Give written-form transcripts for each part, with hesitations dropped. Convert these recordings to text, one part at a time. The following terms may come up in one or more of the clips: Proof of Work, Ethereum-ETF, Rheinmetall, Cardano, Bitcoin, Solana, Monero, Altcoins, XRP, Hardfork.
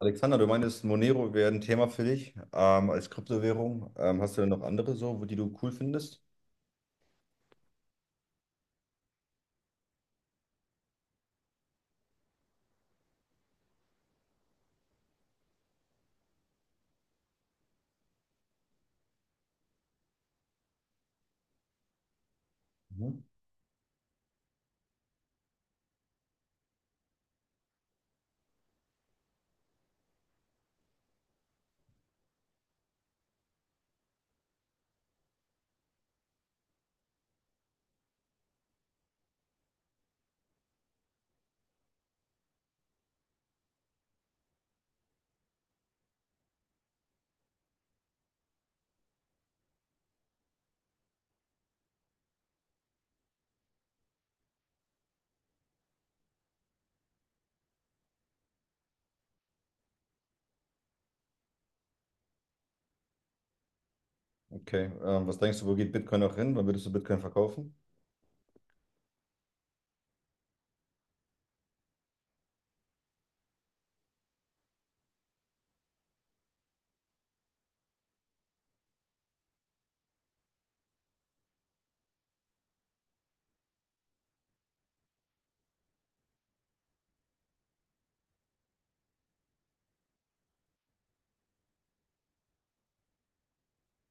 Alexander, du meintest, Monero wäre ein Thema für dich als Kryptowährung. Hast du denn noch andere so, wo die du cool findest? Mhm. Okay. Was denkst du, wo geht Bitcoin noch hin? Wann würdest du Bitcoin verkaufen?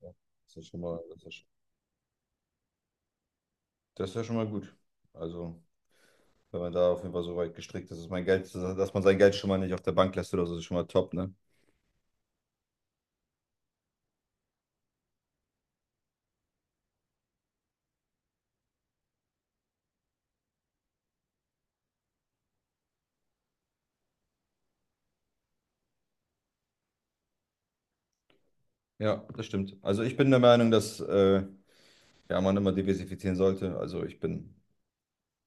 Ja, das ist schon mal, das ist ja schon mal gut. Also, wenn man da auf jeden Fall so weit gestrickt ist, dass man sein Geld schon mal nicht auf der Bank lässt oder so, ist schon mal top, ne? Ja, das stimmt. Also ich bin der Meinung, dass ja, man immer diversifizieren sollte. Also ich bin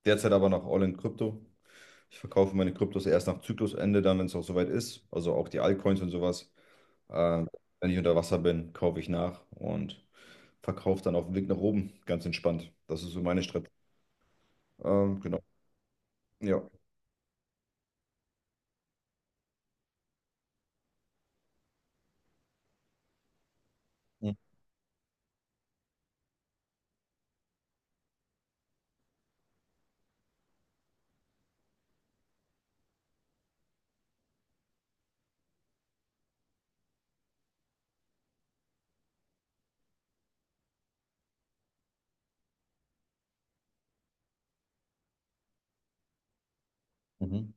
Derzeit aber noch all in Krypto. Ich verkaufe meine Kryptos erst nach Zyklusende, dann, wenn es auch soweit ist. Also auch die Altcoins und sowas. Ähm, wenn ich unter Wasser bin, kaufe ich nach und verkaufe dann auf dem Weg nach oben. Ganz entspannt. Das ist so meine Strategie. Genau. Ja. Mhm.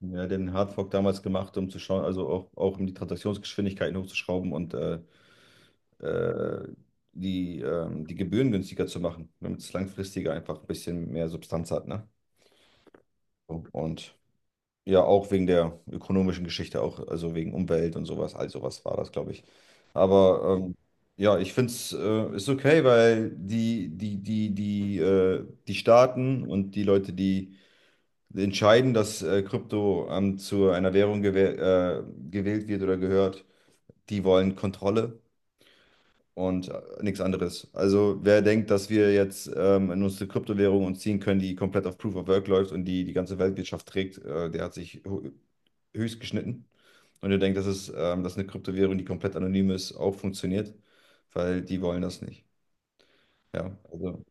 Ja, den Hardfork damals gemacht, um zu schauen, also auch, auch um die Transaktionsgeschwindigkeiten hochzuschrauben und äh, die, die Gebühren günstiger zu machen, damit es langfristiger einfach ein bisschen mehr Substanz hat, ne? Und ja, auch wegen der ökonomischen Geschichte, auch also wegen Umwelt und sowas, all sowas war das, glaube ich. Aber ähm, ja, ich finde es ist okay, weil die Staaten und die Leute, die entscheiden, dass Krypto zu einer Währung gewählt wird oder gehört, die wollen Kontrolle und nichts anderes. Also wer denkt, dass wir jetzt in unsere Kryptowährung uns ziehen können, die komplett auf Proof of Work läuft und die ganze Weltwirtschaft trägt, der hat sich höchst geschnitten. Und ihr denkt, dass dass eine Kryptowährung, die komplett anonym ist, auch funktioniert, weil die wollen das nicht. Ja, also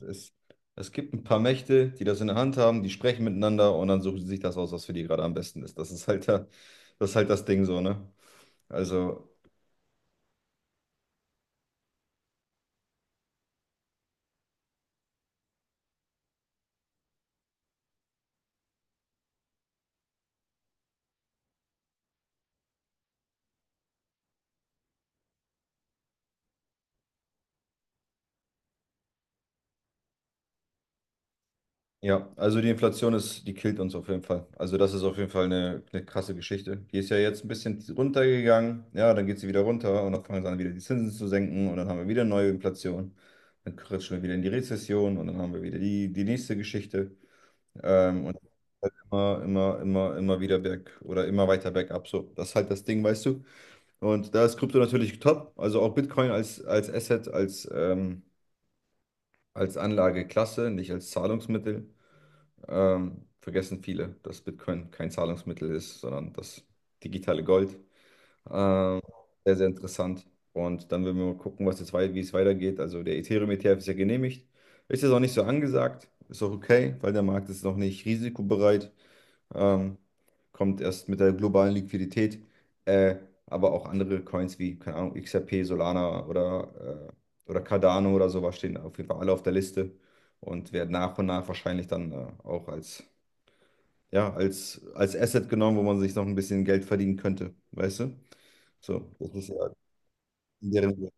es, es gibt ein paar Mächte, die das in der Hand haben, die sprechen miteinander und dann suchen sie sich das aus, was für die gerade am besten ist. Das ist halt da, das ist halt das Ding so, ne? Also ja, also die Inflation ist, die killt uns auf jeden Fall. Also das ist auf jeden Fall eine krasse Geschichte. Die ist ja jetzt ein bisschen runtergegangen, ja, dann geht sie wieder runter und dann fangen sie an, wieder die Zinsen zu senken und dann haben wir wieder neue Inflation. Dann rutschen wir wieder in die Rezession und dann haben wir wieder die, die nächste Geschichte. Und halt immer, immer, immer, immer wieder berg oder immer weiter bergab. So, das ist halt das Ding, weißt du. Und da ist Krypto natürlich top. Also auch Bitcoin als, als Asset, als Anlageklasse, nicht als Zahlungsmittel. Vergessen viele, dass Bitcoin kein Zahlungsmittel ist, sondern das digitale Gold. Ähm, sehr, sehr interessant. Und dann werden wir mal gucken, wie es weitergeht. Also der Ethereum-ETF ist ja genehmigt. Ist jetzt auch nicht so angesagt. Ist auch okay, weil der Markt ist noch nicht risikobereit. Ähm, kommt erst mit der globalen Liquidität. Äh, aber auch andere Coins wie, keine Ahnung, XRP, Solana oder Cardano oder sowas stehen auf jeden Fall alle auf der Liste und werden nach und nach wahrscheinlich dann auch als ja, als, als Asset genommen, wo man sich noch ein bisschen Geld verdienen könnte, weißt du? So, das ist ja in deren.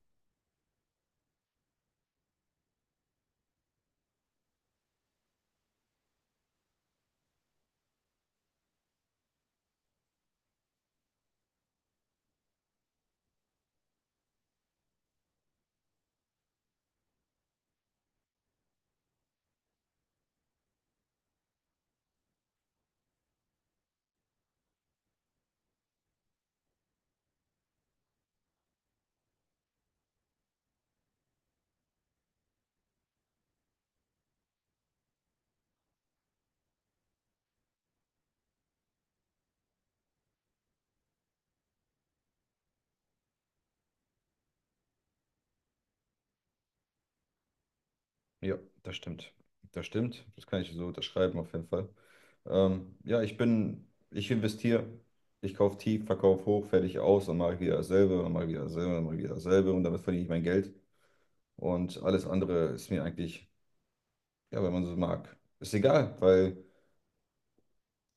Ja, das stimmt. Das stimmt. Das kann ich so unterschreiben, auf jeden Fall. Ja, ich investiere, ich kaufe tief, verkaufe hoch, fertig aus und mache wieder dasselbe und mache wieder dasselbe und mache wieder dasselbe und damit verdiene ich mein Geld. Und alles andere ist mir eigentlich, ja, wenn man so mag, ist egal, weil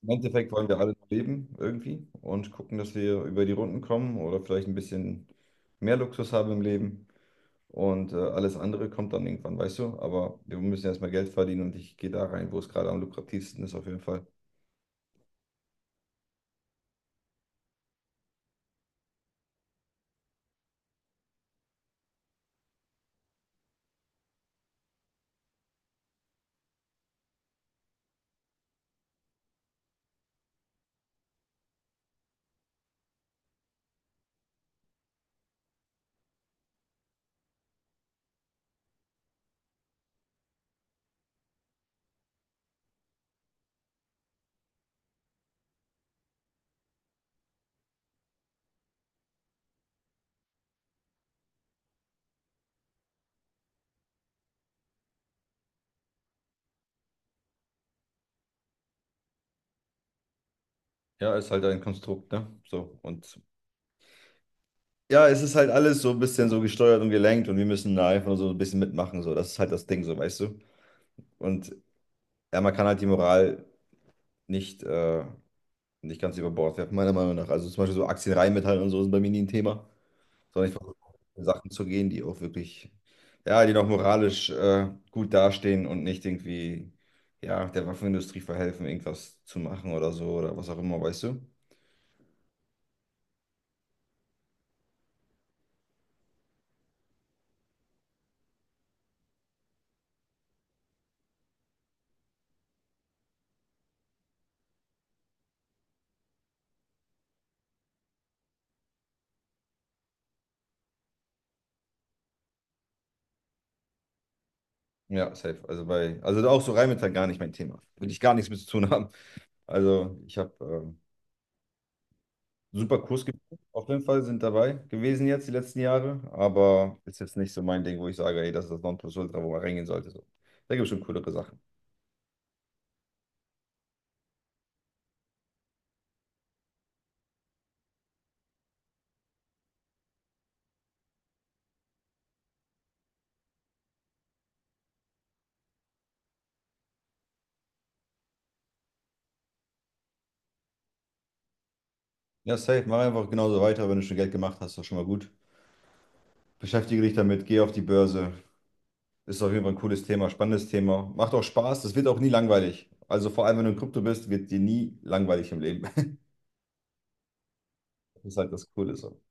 im Endeffekt wollen wir alle noch leben irgendwie und gucken, dass wir über die Runden kommen oder vielleicht ein bisschen mehr Luxus haben im Leben. Und alles andere kommt dann irgendwann, weißt du? Aber wir müssen erstmal Geld verdienen und ich gehe da rein, wo es gerade am lukrativsten ist, auf jeden Fall. Ja, ist halt ein Konstrukt, ne? So. Und ja, es ist halt alles so ein bisschen so gesteuert und gelenkt und wir müssen da einfach nur so ein bisschen mitmachen. So. Das ist halt das Ding, so, weißt du? Und ja, man kann halt die Moral nicht, äh, nicht ganz über Bord werfen, meiner Meinung nach. Also zum Beispiel so Aktien, Rheinmetall und so sind bei mir nie ein Thema. Sondern ich versuche für Sachen zu gehen, die auch wirklich, ja, die noch moralisch gut dastehen und nicht irgendwie, ja, der Waffenindustrie verhelfen, irgendwas zu machen oder so oder was auch immer, weißt du? Ja, safe. Also bei, also auch so Rheinmetall gar nicht mein Thema. Will ich gar nichts mit zu tun haben. Also ich habe super Kurs gemacht. Auf jeden Fall sind dabei gewesen jetzt die letzten Jahre, aber ist jetzt nicht so mein Ding, wo ich sage, ey, das ist das Nonplusultra, wo man reingehen sollte. So. Da gibt es schon coolere Sachen. Ja, safe. Mach einfach genauso weiter. Wenn du schon Geld gemacht hast, ist das schon mal gut. Beschäftige dich damit, geh auf die Börse. Ist auf jeden Fall ein cooles Thema, spannendes Thema. Macht auch Spaß, das wird auch nie langweilig. Also vor allem, wenn du in Krypto bist, wird dir nie langweilig im Leben. Das ist halt das Coole so.